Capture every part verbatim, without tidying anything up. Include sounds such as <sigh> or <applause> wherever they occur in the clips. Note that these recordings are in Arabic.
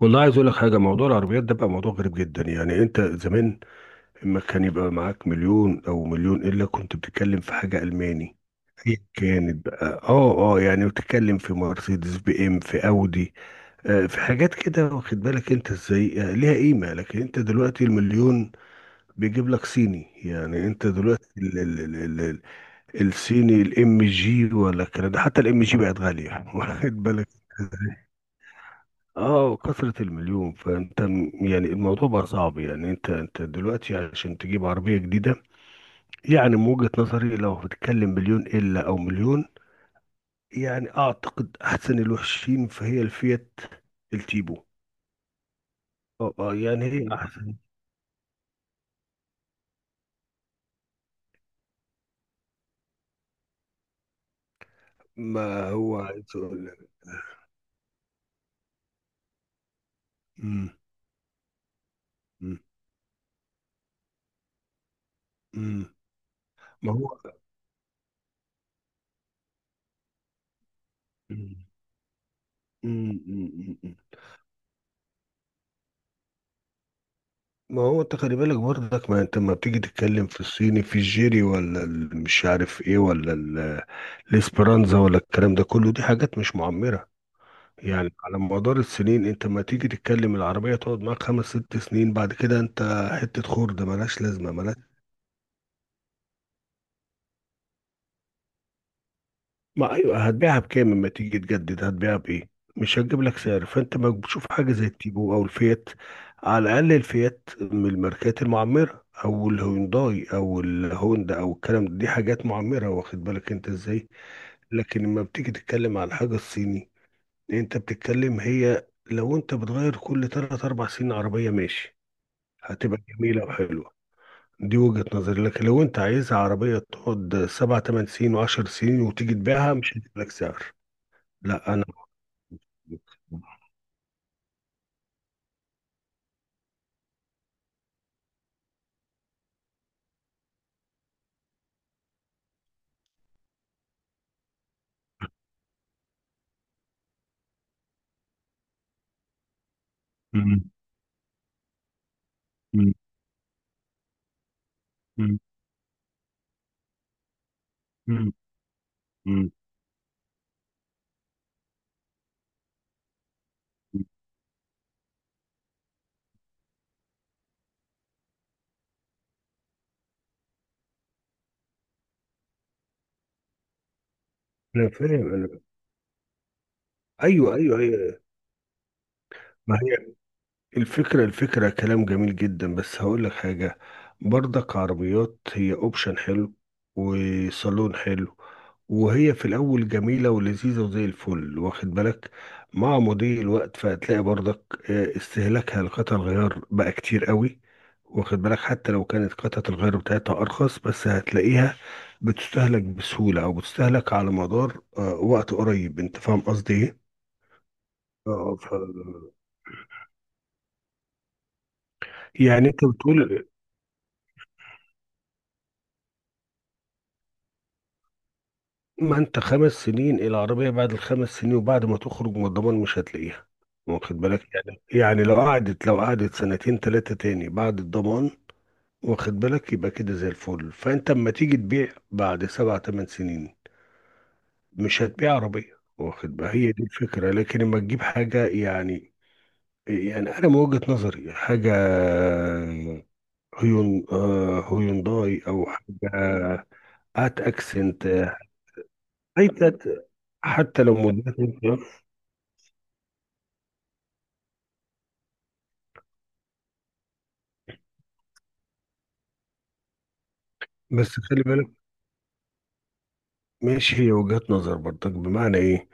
والله عايز اقول لك حاجه. موضوع العربيات ده بقى موضوع غريب جدا. يعني انت زمان لما كان يبقى معاك مليون او مليون الا كنت بتتكلم في حاجه الماني ايا كانت بقى، اه اه يعني بتتكلم في مرسيدس بي ام في اودي، آه في حاجات كده، واخد بالك انت ازاي، آه ليها قيمه. لكن انت دلوقتي المليون بيجيب لك صيني. يعني انت دلوقتي ال ال ال ال ال الصيني الام جي ولا الكلام ده. حتى الام جي بقت غاليه، <laughs> واخد بالك. اه كثرة المليون. فانت م- يعني الموضوع بقى صعب. يعني انت انت دلوقتي عشان تجيب عربية جديدة، يعني من وجهة نظري لو بتتكلم مليون الا او مليون، يعني اعتقد احسن الوحشين فهي الفيات التيبو. اه آه، يعني هي احسن. ما هو عايز اقول لك. أمم، أمم، أمم. ما هو. أمم، أمم، أمم، أمم. ما هو انت خلي بالك برضك. ما انت لما بتيجي تتكلم في الصيني، في الجيري ولا ال- مش عارف ايه، ولا الاسبرانزا ولا الكلام ده كله، دي حاجات مش معمرة. يعني على مدار السنين انت ما تيجي تتكلم، العربية تقعد معاك خمس ست سنين بعد كده انت حتة خردة ملهاش لازمة ملهاش. ما ايوه، هتبيعها بكام اما تيجي تجدد؟ هتبيعها بايه؟ مش هتجيب لك سعر. فانت ما بتشوف حاجة زي التيجو او الفيات. على الاقل الفيات من الماركات المعمرة، او الهونداي او الهوندا او الكلام ده، دي حاجات معمرة واخد بالك انت ازاي. لكن لما بتيجي تتكلم على الحاجة الصيني، انت بتتكلم، هي لو انت بتغير كل تلات اربع سنين عربية، ماشي، هتبقى جميلة وحلوة. دي وجهة نظري. لكن لو انت عايزها عربية تقعد سبع تمن سنين وعشر سنين، وتيجي تبيعها، مش هجيب لك سعر. لا انا. مم. مم. مم. مم. مم. انا فاهم انا. ايوه ايوه ايوه. ما هي الفكرة الفكرة كلام جميل جدا، بس هقول لك حاجة. برضك عربيات هي اوبشن حلو، وصالون حلو. وهي في الأول جميلة ولذيذة وزي الفل، واخد بالك. مع مضي الوقت فهتلاقي برضك آه، استهلاكها لقطع الغيار بقى كتير قوي. واخد بالك حتى لو كانت قطعة الغيار بتاعتها أرخص، بس هتلاقيها بتستهلك بسهولة، أو بتستهلك على مدار آه، وقت قريب. أنت فاهم قصدي إيه؟ آه، ف- يعني انت بتقول. ما انت خمس سنين العربية، بعد الخمس سنين وبعد ما تخرج من الضمان مش هتلاقيها. واخد بالك يعني، يعني لو قعدت لو قعدت سنتين تلاتة تاني بعد الضمان، واخد بالك، يبقى كده زي الفل. فانت اما تيجي تبيع بعد سبع تمن سنين، مش هتبيع عربية، واخد بالك. هي دي الفكرة. لكن اما تجيب حاجة، يعني، يعني انا من وجهة نظري حاجة هيون آه، هيونداي او حاجة. هات اكسنت. حتى حتى لو موديلات. بس خلي بالك، ماشي، هي وجهات نظر برضك. بمعنى ايه؟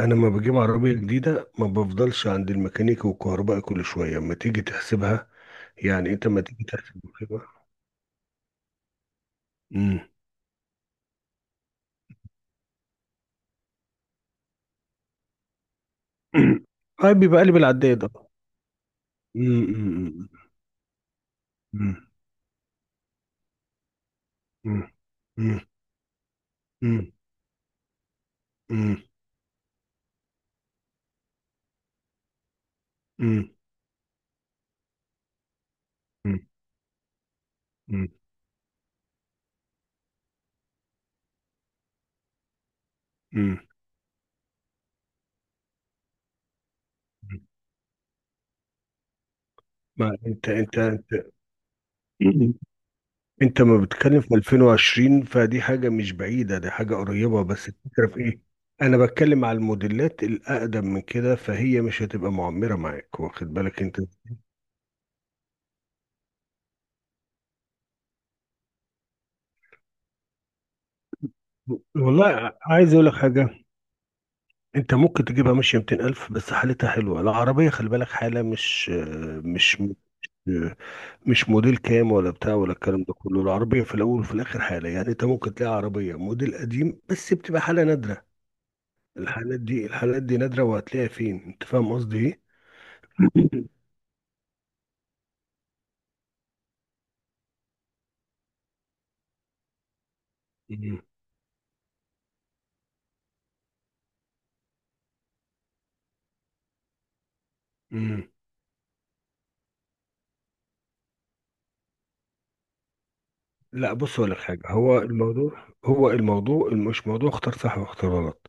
انا لما بجيب عربيه جديده ما بفضلش عند الميكانيكي والكهربائي كل شويه. اما تيجي تحسبها، يعني انت ما تيجي تحسب الخيمه. امم. <clears throat> هاي بيبقى قلب العداد ده. امم. أمم، أمم، أمم، أمم، أمم، أمم، أمم، أمم. أمم. ما انت انت انت <clears throat> انت ما بتتكلم في ألفين وعشرين، فدي حاجة مش بعيدة، دي حاجة قريبة. بس الفكرة في ايه؟ انا بتكلم على الموديلات الاقدم من كده، فهي مش هتبقى معمرة معاك واخد بالك انت. والله عايز اقول لك حاجة. انت ممكن تجيبها ماشية مئتين ألف بس حالتها حلوة. العربية خلي بالك حالة. مش مش مش موديل كام ولا بتاع ولا الكلام ده كله. العربية في الاول وفي الاخر حالة. يعني انت ممكن تلاقي عربية موديل قديم بس بتبقى حالة نادرة. الحالات دي الحالات دي نادرة. وهتلاقيها فين؟ انت فاهم قصدي ايه. مم. مم. لا بص اقول لك حاجه. هو الموضوع هو الموضوع مش موضوع اختار صح واختار غلط.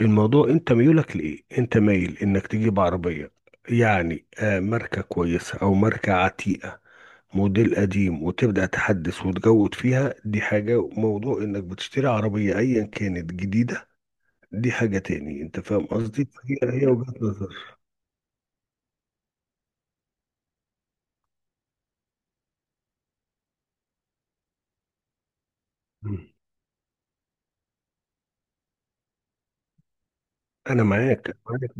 الموضوع انت ميولك لايه. انت مايل انك تجيب عربيه، يعني آه ماركه كويسه او ماركه عتيقه موديل قديم وتبدا تحدث وتجود فيها، دي حاجه. موضوع انك بتشتري عربيه ايا كانت جديده، دي حاجه تاني. انت فاهم قصدي. هي هي وجهه نظر. مم. انا معاك معاك.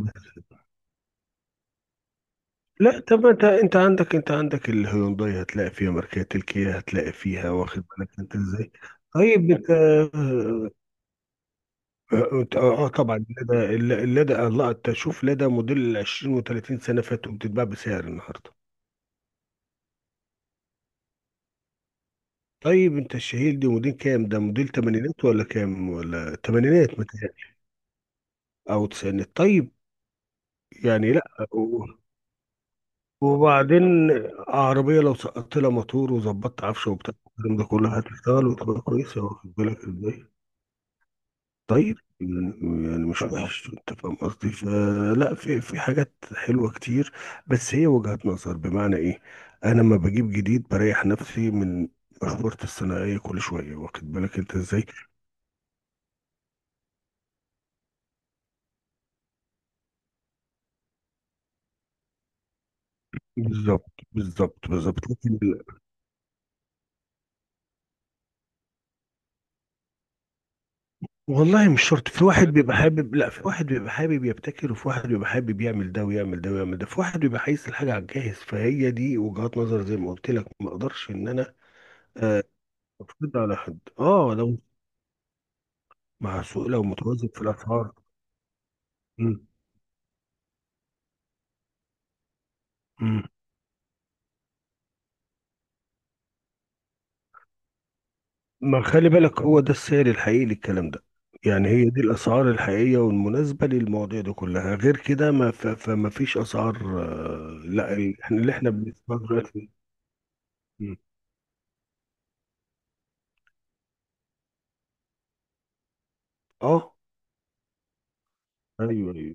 لا طب ما انت، انت عندك انت عندك الهيونداي هتلاقي فيها ماركات، الكيا هتلاقي فيها، واخد بالك انت ازاي. طيب انت اه. اه اه، طبعا لدى. لدى الله انت شوف، لدى موديل ال العشرين و30 سنه فاتوا بتتباع بسعر النهارده. طيب انت الشهير دي موديل كام؟ ده موديل تمانينات ولا كام؟ ولا تمانينات متهيألي، او تسعينات. طيب يعني لا. و- وبعدين عربيه لو سقطت لها موتور وظبطت عفشه وبتاع الكلام ده كله، هتشتغل وتبقى كويسه، واخد بالك ازاي. طيب م- يعني مش وحش، انت فاهم قصدي. فلا في في حاجات حلوه كتير. بس هي وجهات نظر. بمعنى ايه؟ انا لما بجيب جديد بريح نفسي من مشورة الثانويه كل شويه، واخد بالك انت ازاي. بالظبط بالظبط بالظبط. لكن ال- والله مش شرط. في واحد بيبقى حابب، لا في واحد بيبقى حابب يبتكر، وفي واحد بيبقى حابب يعمل ده ويعمل ده ويعمل ده، في واحد بيبقى عايز الحاجه على الجاهز. فهي دي وجهات نظر زي ما قلت لك. ما اقدرش ان انا آه، افرض على حد. اه لو مع السوق، لو متوازن في الاسعار. مم. مم. ما خلي بالك، هو ده السعر الحقيقي للكلام ده. يعني هي دي الاسعار الحقيقيه والمناسبه للمواضيع دي كلها. غير كده، ما ف... فما فيش اسعار. آه، لا ال- احنا اللي احنا بندفعها دلوقتي. مم. اه. ايوه ايوه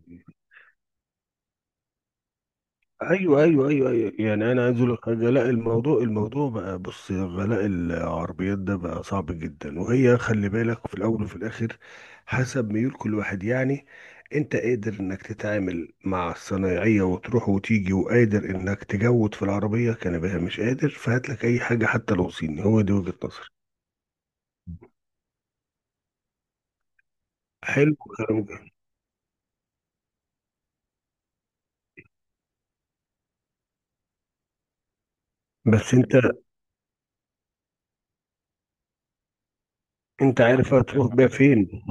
ايوه ايوه ايوه ايوه. يعني انا عايز اقول لك حاجه. لا الموضوع الموضوع بقى، بص غلاء العربيات ده بقى صعب جدا. وهي خلي بالك في الاول وفي الاخر حسب ميول كل واحد، يعني. انت قادر انك تتعامل مع الصنايعيه وتروح وتيجي، وقادر انك تجود في العربيه كان بها مش قادر، فهات لك اي حاجه حتى لو صيني. هو دي وجهه نظري. حلو الكلام ده. بس انت، انت عارف هتروح بيها فين؟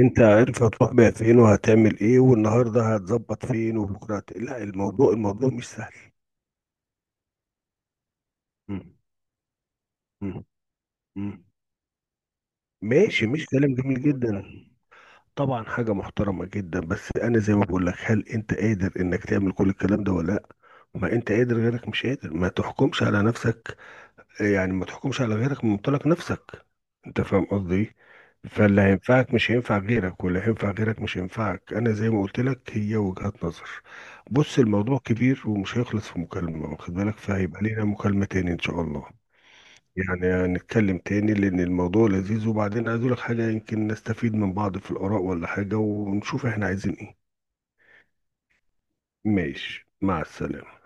انت عارف هتروح بيها فين وهتعمل ايه، والنهارده هتظبط فين وبكره هت- لا الموضوع، الموضوع مش سهل. مم. مم. مم. ماشي، مش كلام جميل جدا. طبعا حاجة محترمة جدا. بس انا زي ما بقول لك، هل انت قادر انك تعمل كل الكلام ده ولا لا؟ ما انت قادر غيرك مش قادر. ما تحكمش على نفسك، يعني ما تحكمش على غيرك من منطلق نفسك. انت فاهم قصدي ايه؟ فاللي هينفعك مش هينفع غيرك، واللي هينفع غيرك مش هينفعك. انا زي ما قلت لك، هي وجهات نظر. بص الموضوع كبير ومش هيخلص في مكالمة، واخد بالك. فهيبقى لينا مكالمة تاني ان شاء الله. يعني هنتكلم تاني، لان الموضوع لذيذ. وبعدين عايز اقول لك حاجة، يمكن نستفيد من بعض في الاراء ولا حاجة، ونشوف احنا عايزين ايه. ماشي، مع السلامة.